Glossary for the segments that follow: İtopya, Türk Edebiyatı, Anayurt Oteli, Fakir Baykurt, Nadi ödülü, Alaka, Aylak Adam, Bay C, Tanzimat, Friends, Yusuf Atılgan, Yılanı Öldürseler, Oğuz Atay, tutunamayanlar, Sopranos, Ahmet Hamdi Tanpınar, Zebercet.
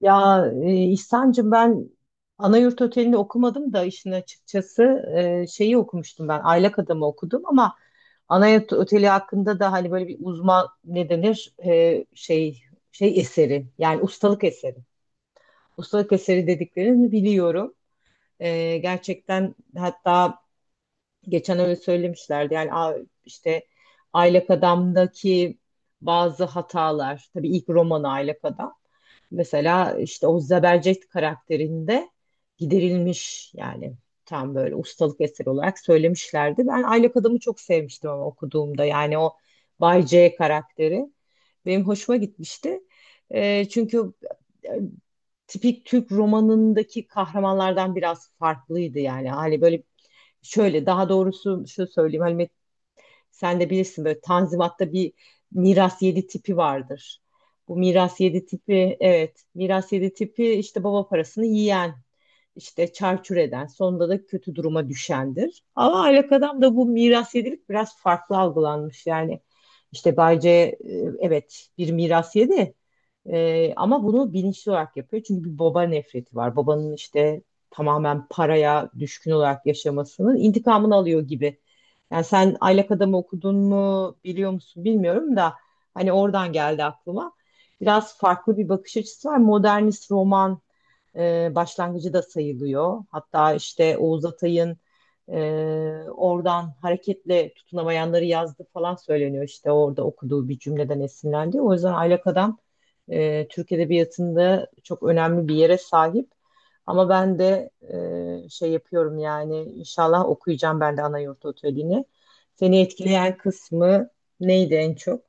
Ya İhsan'cığım ben Anayurt Oteli'ni okumadım da işin açıkçası şeyi okumuştum ben Aylak Adam'ı okudum ama Anayurt Oteli hakkında da hani böyle bir uzman ne denir şey eseri yani ustalık eseri. Ustalık eseri dediklerini biliyorum. Gerçekten hatta geçen öyle söylemişlerdi yani işte Aylak Adam'daki bazı hatalar tabii ilk romanı Aylak Adam. Mesela işte o Zebercet karakterinde giderilmiş yani tam böyle ustalık eseri olarak söylemişlerdi. Ben Aylak Adam'ı çok sevmiştim ama okuduğumda yani o Bay C karakteri benim hoşuma gitmişti. Çünkü e, tipik Türk romanındaki kahramanlardan biraz farklıydı yani. Hani böyle şöyle daha doğrusu şu söyleyeyim hani sen de bilirsin böyle Tanzimat'ta bir miras yedi tipi vardır. Bu miras yedi tipi, evet, miras yedi tipi, işte baba parasını yiyen işte çarçur eden sonunda da kötü duruma düşendir. Ama aylak da bu miras yedilik biraz farklı algılanmış yani. İşte Bay C, evet bir miras yedi. Ama bunu bilinçli olarak yapıyor. Çünkü bir baba nefreti var. Babanın işte tamamen paraya düşkün olarak yaşamasının intikamını alıyor gibi, yani sen Aylak Adam'ı okudun mu biliyor musun bilmiyorum da hani oradan geldi aklıma. Biraz farklı bir bakış açısı var. Modernist roman başlangıcı da sayılıyor. Hatta işte Oğuz Atay'ın e, oradan hareketle tutunamayanları yazdı falan söyleniyor. İşte orada okuduğu bir cümleden esinlendi. O yüzden Aylak Adam Türk Edebiyatı'nda çok önemli bir yere sahip. Ama ben de şey yapıyorum yani inşallah okuyacağım ben de Anayurt Oteli'ni. Seni etkileyen kısmı neydi en çok?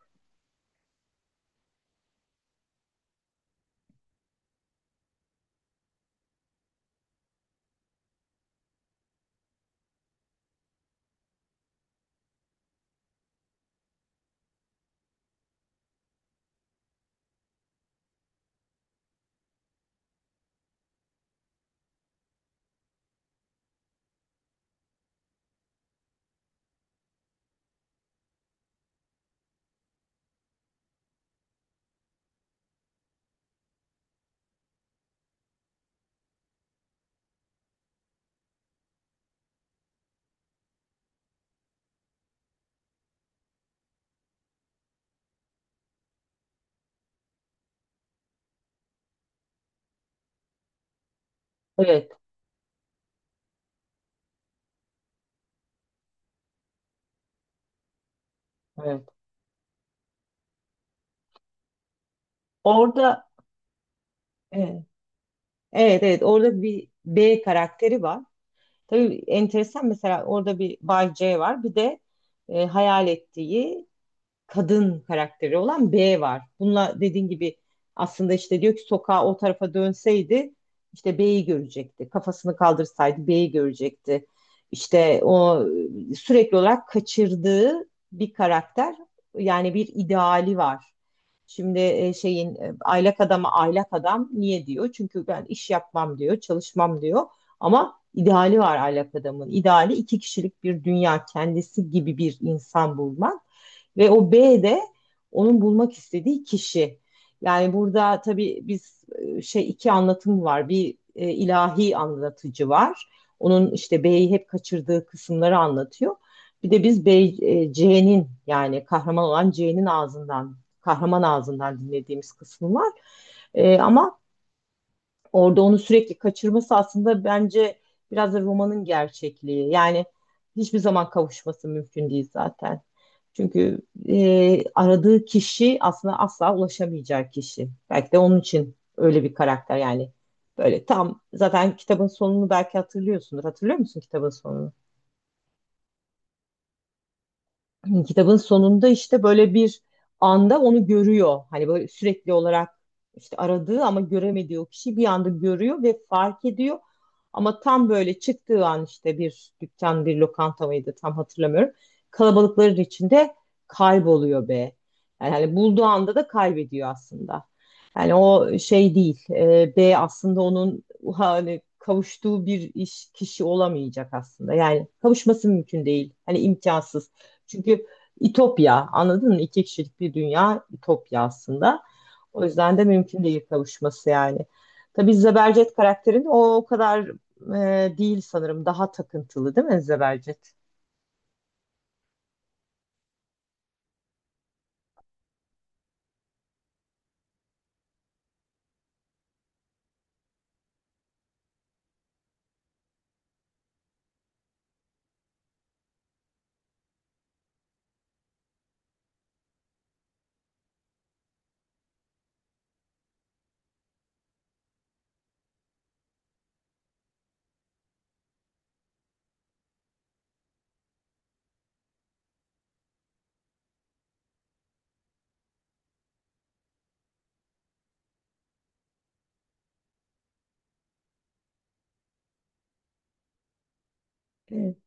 Evet, evet. Orada, evet, evet, evet, orada bir B karakteri var. Tabii enteresan mesela orada bir Bay C var. Bir de hayal ettiği kadın karakteri olan B var. Bununla dediğin gibi aslında işte diyor ki sokağa o tarafa dönseydi işte B'yi görecekti. Kafasını kaldırsaydı B'yi görecekti. İşte o sürekli olarak kaçırdığı bir karakter, yani bir ideali var. Şimdi şeyin aylak adama aylak adam niye diyor? Çünkü ben iş yapmam diyor, çalışmam diyor. Ama ideali var aylak adamın. İdeali iki kişilik bir dünya, kendisi gibi bir insan bulmak. Ve o B de onun bulmak istediği kişi. Yani burada tabii biz iki anlatım var. Bir ilahi anlatıcı var. Onun işte B'yi hep kaçırdığı kısımları anlatıyor. Bir de biz C'nin yani kahraman olan C'nin ağzından, kahraman ağzından dinlediğimiz kısmı var. Ama orada onu sürekli kaçırması aslında bence biraz da romanın gerçekliği. Yani hiçbir zaman kavuşması mümkün değil zaten. Çünkü aradığı kişi aslında asla ulaşamayacağı kişi. Belki de onun için öyle bir karakter yani. Böyle tam zaten kitabın sonunu belki hatırlıyorsundur. Hatırlıyor musun kitabın sonunu? Kitabın sonunda işte böyle bir anda onu görüyor. Hani böyle sürekli olarak işte aradığı ama göremediği o kişi bir anda görüyor ve fark ediyor. Ama tam böyle çıktığı an işte bir dükkan, bir lokanta mıydı tam hatırlamıyorum. Kalabalıkların içinde kayboluyor be. Yani hani bulduğu anda da kaybediyor aslında. Yani o şey değil. B aslında onun hani kavuştuğu bir iş kişi olamayacak aslında. Yani kavuşması mümkün değil. Hani imkansız. Çünkü İtopya anladın mı? İki kişilik bir dünya İtopya aslında. O yüzden de mümkün değil kavuşması yani. Tabii Zebercet karakterin o kadar değil sanırım. Daha takıntılı değil mi Zebercet? Evet.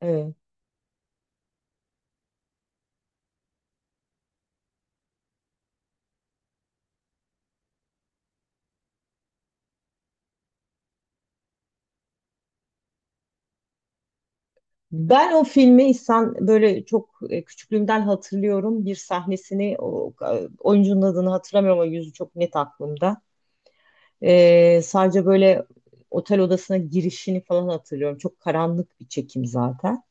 Evet. Ben o filmi İhsan böyle çok küçüklüğümden hatırlıyorum. Bir sahnesini oyuncunun adını hatırlamıyorum ama yüzü çok net aklımda. Sadece böyle otel odasına girişini falan hatırlıyorum. Çok karanlık bir çekim zaten.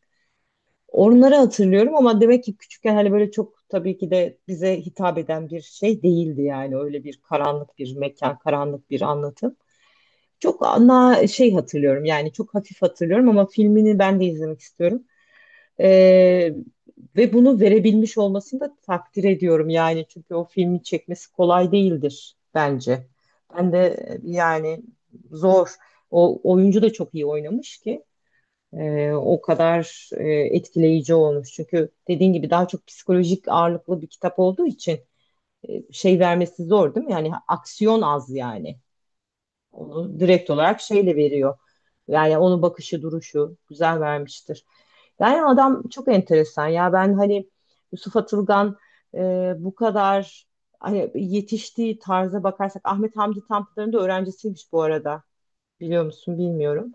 Onları hatırlıyorum ama demek ki küçükken hani böyle çok tabii ki de bize hitap eden bir şey değildi yani öyle bir karanlık bir mekan, karanlık bir anlatım. Çok ana şey hatırlıyorum yani çok hafif hatırlıyorum ama filmini ben de izlemek istiyorum. Ee, Ve bunu verebilmiş olmasını da takdir ediyorum yani çünkü o filmi çekmesi kolay değildir bence. Ben de yani zor. O oyuncu da çok iyi oynamış ki o kadar etkileyici olmuş. Çünkü dediğin gibi daha çok psikolojik ağırlıklı bir kitap olduğu için şey vermesi zor değil mi? Yani aksiyon az yani. Onu direkt olarak şeyle veriyor. Yani onun bakışı, duruşu güzel vermiştir. Yani adam çok enteresan ya. Ben hani Yusuf Atılgan e, bu kadar hani yetiştiği tarza bakarsak Ahmet Hamdi Tanpınar'ın da öğrencisiymiş bu arada. Biliyor musun bilmiyorum.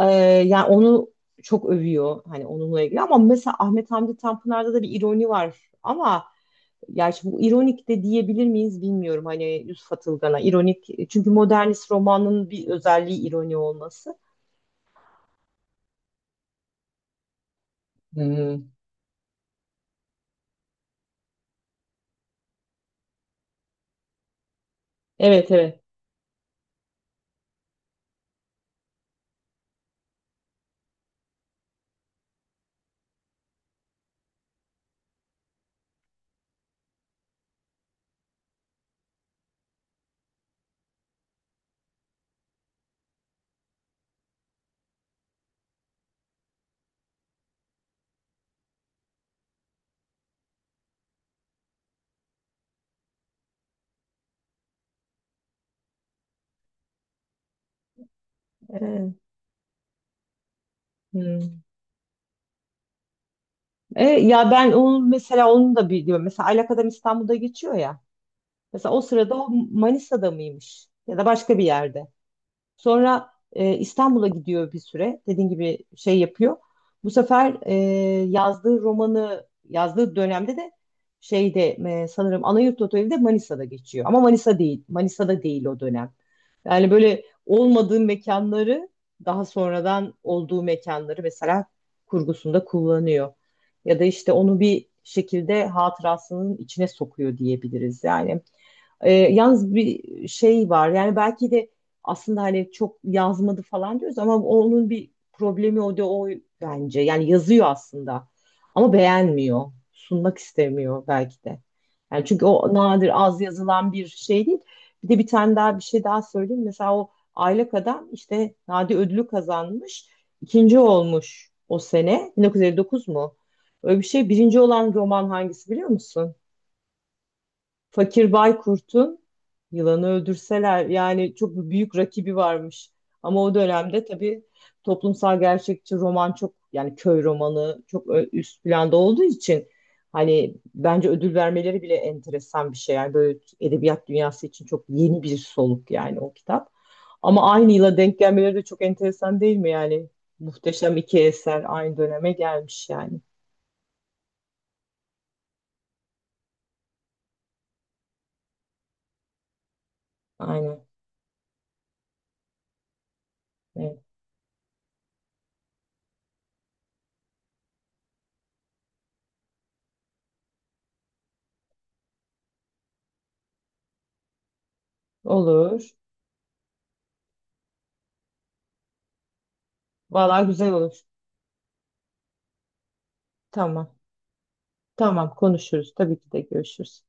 Ee, Yani onu çok övüyor hani onunla ilgili ama mesela Ahmet Hamdi Tanpınar'da da bir ironi var ama yani şimdi bu ironik de diyebilir miyiz bilmiyorum hani Yusuf Atılgan'a ironik çünkü modernist romanın bir özelliği ironi olması. Hmm. Evet, evet. Ee, hmm. Ya ben onun mesela onun da biliyorum mesela Alaka'dan İstanbul'da geçiyor ya mesela o sırada o Manisa'da mıymış ya da başka bir yerde. Sonra İstanbul'a gidiyor bir süre. Dediğin gibi şey yapıyor. Bu sefer yazdığı romanı yazdığı dönemde de şeyde sanırım Anayurt Oteli de Manisa'da geçiyor. Ama Manisa değil. Manisa'da değil o dönem. Yani böyle olmadığı mekanları daha sonradan olduğu mekanları mesela kurgusunda kullanıyor. Ya da işte onu bir şekilde hatırasının içine sokuyor diyebiliriz. Yani yalnız bir şey var. Yani belki de aslında hani çok yazmadı falan diyoruz ama onun bir problemi o da o bence. Yani yazıyor aslında ama beğenmiyor. Sunmak istemiyor belki de. Yani çünkü o nadir az yazılan bir şey değil. Bir de bir tane daha bir şey daha söyleyeyim. Mesela o Aylak Adam işte Nadi ödülü kazanmış. İkinci olmuş o sene. 1959 mu? Öyle bir şey. Birinci olan roman hangisi biliyor musun? Fakir Baykurt'un Yılanı Öldürseler, yani çok büyük rakibi varmış. Ama o dönemde tabii toplumsal gerçekçi roman çok yani köy romanı çok üst planda olduğu için hani bence ödül vermeleri bile enteresan bir şey. Yani böyle edebiyat dünyası için çok yeni bir soluk yani o kitap. Ama aynı yıla denk gelmeleri de çok enteresan değil mi yani? Muhteşem iki eser aynı döneme gelmiş yani. Aynen. Evet. Olur. Vallahi güzel olur. Tamam. Tamam konuşuruz. Tabii ki de görüşürüz.